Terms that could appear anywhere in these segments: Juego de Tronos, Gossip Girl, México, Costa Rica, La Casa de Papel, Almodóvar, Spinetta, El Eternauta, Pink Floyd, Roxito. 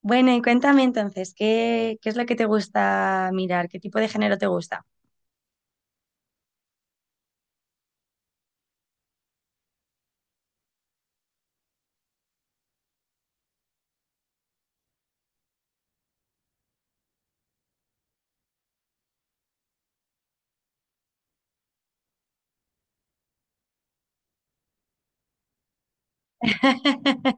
Bueno, y cuéntame entonces, ¿qué es lo que te gusta mirar? ¿Qué tipo de género te gusta?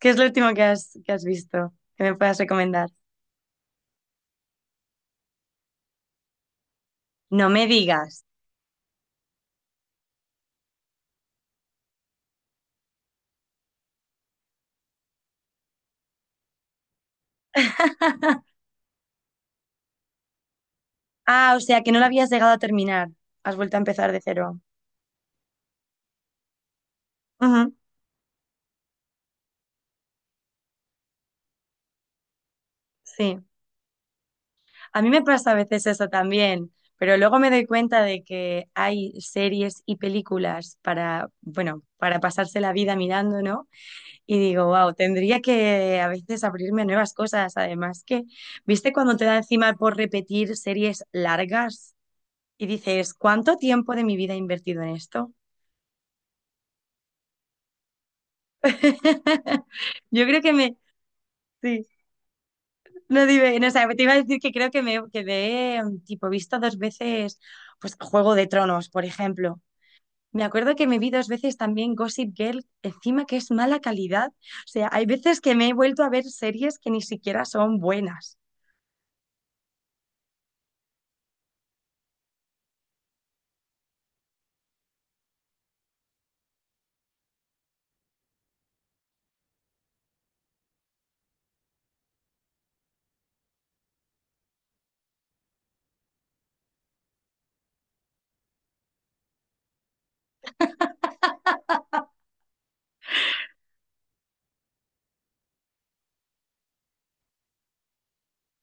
¿Qué es lo último que has visto que me puedas recomendar? No me digas. Ah, o sea, que no lo habías llegado a terminar. Has vuelto a empezar de cero. Ujú, sí. A mí me pasa a veces eso también, pero luego me doy cuenta de que hay series y películas para, bueno, para pasarse la vida mirando, ¿no? Y digo, wow, tendría que a veces abrirme a nuevas cosas. Además que, ¿viste cuando te da encima por repetir series largas? Y dices, ¿cuánto tiempo de mi vida he invertido en esto? Yo creo que me... Sí, no dime, no, o sea, te iba a decir que creo que me he, tipo, visto dos veces, pues, Juego de Tronos, por ejemplo. Me acuerdo que me vi dos veces también Gossip Girl, encima que es mala calidad. O sea, hay veces que me he vuelto a ver series que ni siquiera son buenas.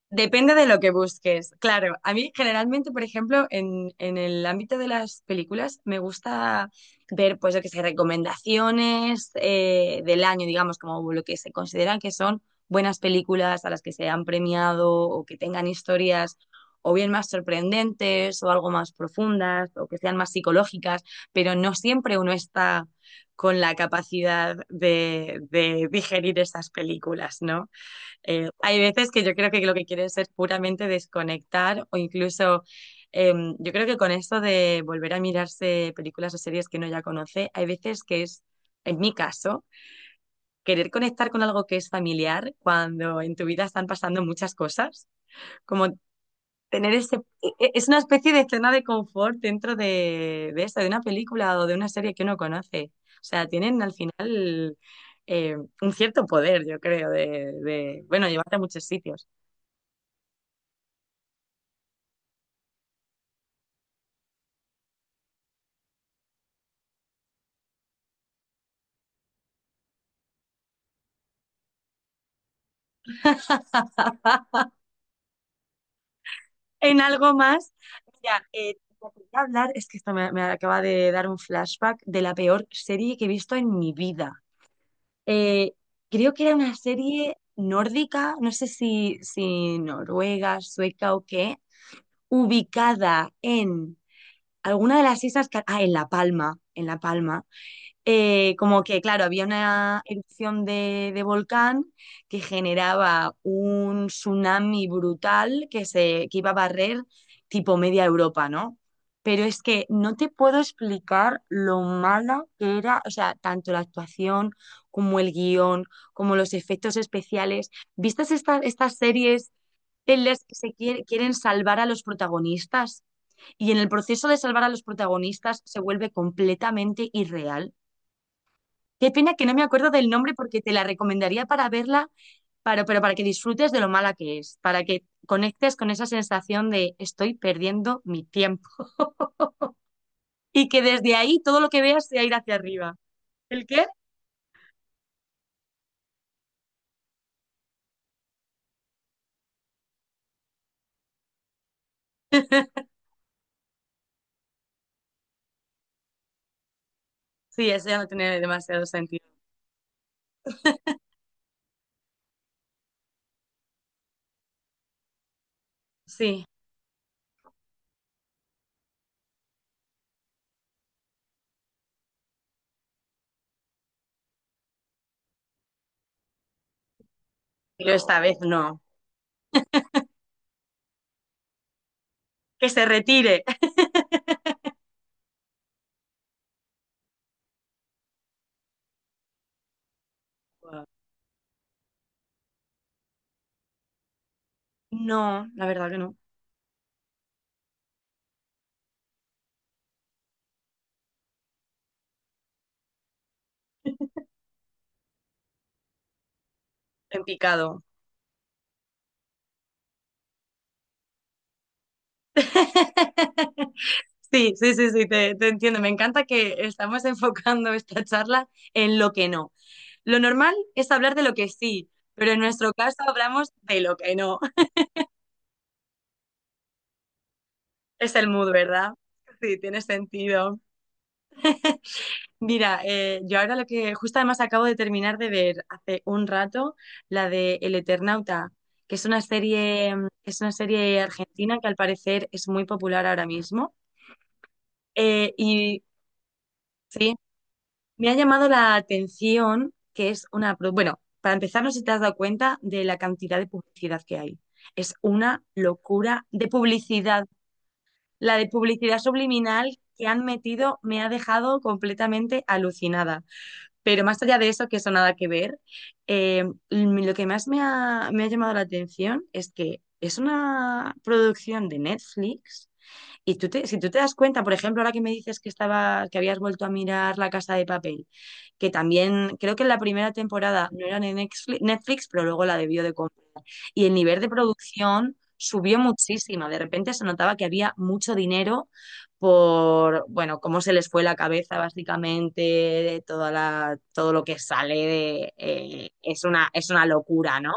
Depende de lo que busques. Claro, a mí generalmente, por ejemplo, en el ámbito de las películas, me gusta ver, pues, yo que sé, recomendaciones del año, digamos, como lo que se consideran que son buenas películas a las que se han premiado o que tengan historias o bien más sorprendentes o algo más profundas o que sean más psicológicas, pero no siempre uno está con la capacidad de digerir esas películas, ¿no? Hay veces que yo creo que lo que quieres es puramente desconectar o incluso eh, yo creo que con esto de volver a mirarse películas o series que uno ya conoce, hay veces que es, en mi caso, querer conectar con algo que es familiar cuando en tu vida están pasando muchas cosas, como tener ese, es una especie de escena de confort dentro de eso, de una película o de una serie que uno conoce. O sea, tienen al final un cierto poder, yo creo, de bueno, llevarte a muchos sitios. en algo más. Mira, te quería hablar, es que esto me, me acaba de dar un flashback de la peor serie que he visto en mi vida. Eh, Creo que era una serie nórdica, no sé si noruega, sueca o qué, ubicada en alguna de las islas, ah, en La Palma, como que, claro, había una erupción de volcán que generaba un tsunami brutal que, se, que iba a barrer tipo media Europa, ¿no? Pero es que no te puedo explicar lo mala que era, o sea, tanto la actuación como el guión, como los efectos especiales. ¿Vistas estas series en las que se quieren salvar a los protagonistas? Y en el proceso de salvar a los protagonistas se vuelve completamente irreal. Qué pena que no me acuerdo del nombre porque te la recomendaría para verla, para, pero para que disfrutes de lo mala que es, para que conectes con esa sensación de estoy perdiendo mi tiempo y que desde ahí todo lo que veas sea ir hacia arriba. ¿El qué? Sí, eso ya no tiene demasiado sentido. Sí, pero esta vez no. Que se retire. Guau. No, la verdad que no. En picado. Sí, sí, sí, sí, te entiendo. Me encanta que estamos enfocando esta charla en lo que no. Lo normal es hablar de lo que sí, pero en nuestro caso hablamos de lo que no. Es el mood, ¿verdad? Sí, tiene sentido. Mira, yo ahora lo que justo además acabo de terminar de ver hace un rato, la de El Eternauta, que es una serie, mm, es una serie argentina que al parecer es muy popular ahora mismo. Y sí. Me ha llamado la atención que es una... Bueno, para empezar, no sé si te has dado cuenta de la cantidad de publicidad que hay. Es una locura de publicidad. La de publicidad subliminal que han metido me ha dejado completamente alucinada. Pero más allá de eso, que eso nada que ver, eh, mm, lo que más me ha llamado la atención es que es una producción de Netflix y tú te, si tú te das cuenta, por ejemplo, ahora que me dices que estaba, que habías vuelto a mirar La Casa de Papel, que también creo que en la primera temporada no era de Netflix, pero luego la debió de comprar. Y el nivel de producción subió muchísimo. De repente se notaba que había mucho dinero por, bueno, cómo se les fue la cabeza básicamente, de toda la, todo lo que sale de, es una locura, ¿no?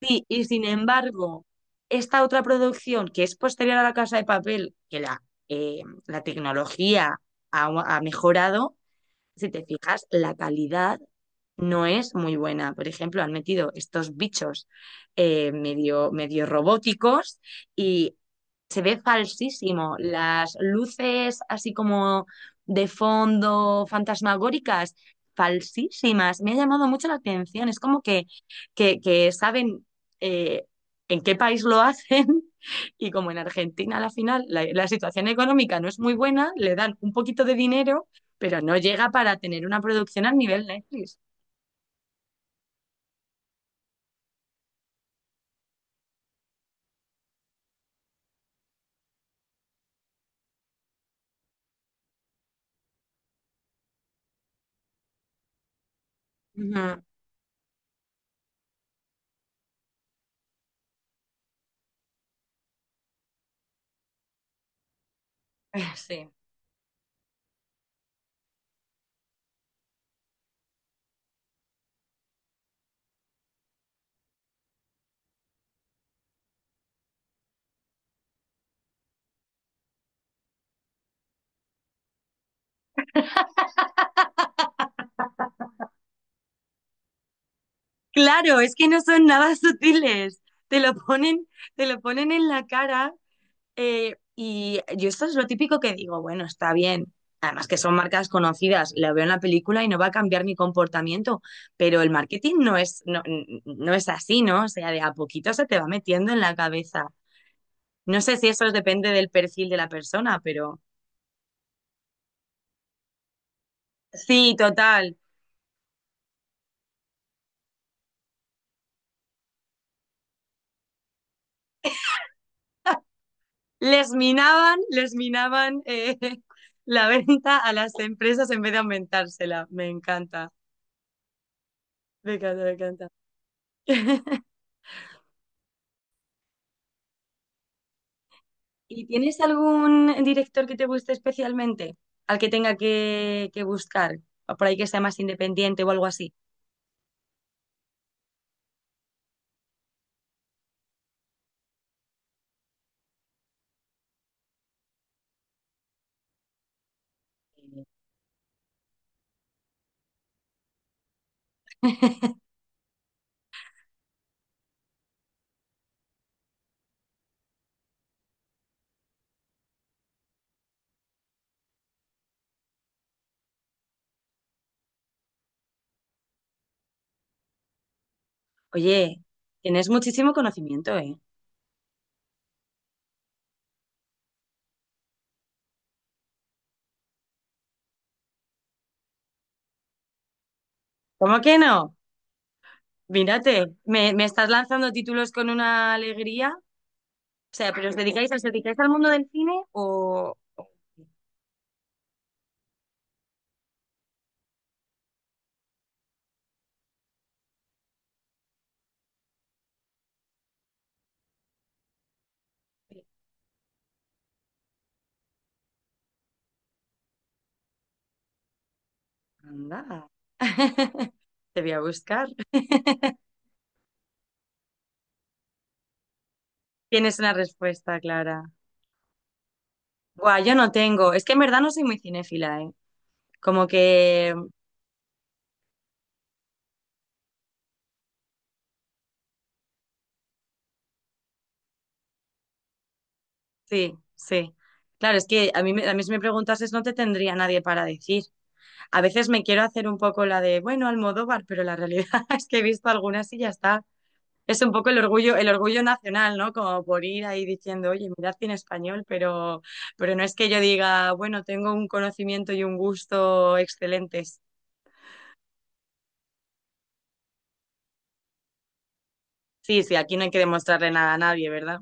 Sí, y sin embargo, esta otra producción que es posterior a La Casa de Papel, que la, eh, la tecnología ha, ha mejorado, si te fijas, la calidad no es muy buena. Por ejemplo, han metido estos bichos medio, medio robóticos y se ve falsísimo. Las luces así como de fondo, fantasmagóricas, falsísimas. Me ha llamado mucho la atención. Es como que, que saben eh, en qué país lo hacen y como en Argentina a la final la, la situación económica no es muy buena, le dan un poquito de dinero, pero no llega para tener una producción al nivel Netflix. Ujú. Sí. Claro, es que no son nada sutiles. Te lo ponen, te lo ponen en la cara. Y yo esto es lo típico que digo, bueno, está bien. Además que son marcas conocidas, la veo en la película y no va a cambiar mi comportamiento, pero el marketing no es, no, no es así, ¿no? O sea, de a poquito se te va metiendo en la cabeza. No sé si eso depende del perfil de la persona, pero sí, total. Les minaban la venta a las empresas en vez de aumentársela. Me encanta, me encanta, me encanta. ¿Y tienes algún director que te guste especialmente? Al que tenga que buscar, o por ahí que sea más independiente o algo así. Oye, tienes muchísimo conocimiento, ¿eh? ¿Cómo que no? Mírate, me estás lanzando títulos con una alegría. O sea, os dedicáis al mundo del cine o...? Anda. Te voy a buscar. Tienes una respuesta, Clara. Buah, yo no tengo. Es que en verdad no soy muy cinéfila, ¿eh? Como que Sí, sí. Claro, es que a mí, a mí si me preguntases no te tendría nadie para decir. A veces me quiero hacer un poco la de, bueno, Almodóvar, pero la realidad es que he visto algunas y ya está. Es un poco el orgullo nacional, ¿no? Como por ir ahí diciendo, oye, mirad cine español, pero no es que yo diga, bueno, tengo un conocimiento y un gusto excelentes. Sí, sí, aquí no hay que demostrarle nada a nadie, ¿verdad?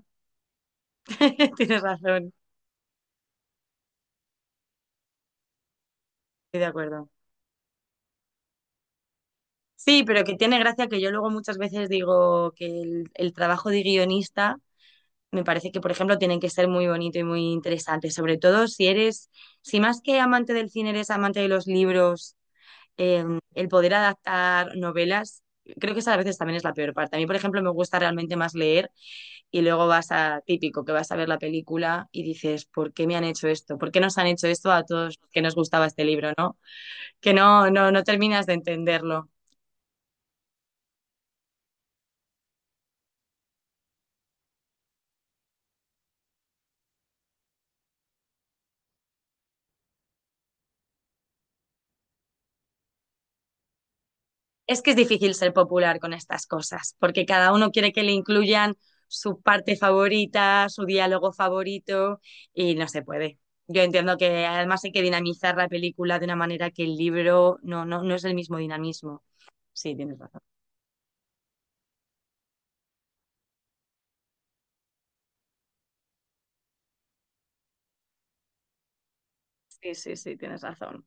Tienes razón, estoy de acuerdo. Sí, pero que tiene gracia que yo luego muchas veces digo que el trabajo de guionista me parece que, por ejemplo, tienen que ser muy bonito y muy interesante, sobre todo si eres, si más que amante del cine eres amante de los libros, eh, el poder adaptar novelas, creo que esa a veces también es la peor parte. A mí, por ejemplo, me gusta realmente más leer y luego vas a típico, que vas a ver la película y dices, ¿por qué me han hecho esto? ¿Por qué nos han hecho esto a todos los que nos gustaba este libro, no? Que no, no, no terminas de entenderlo. Es que es difícil ser popular con estas cosas, porque cada uno quiere que le incluyan su parte favorita, su diálogo favorito, y no se puede. Yo entiendo que además hay que dinamizar la película de una manera que el libro no, no, no es el mismo dinamismo. Sí, tienes razón. Sí, sí, sí, tienes razón.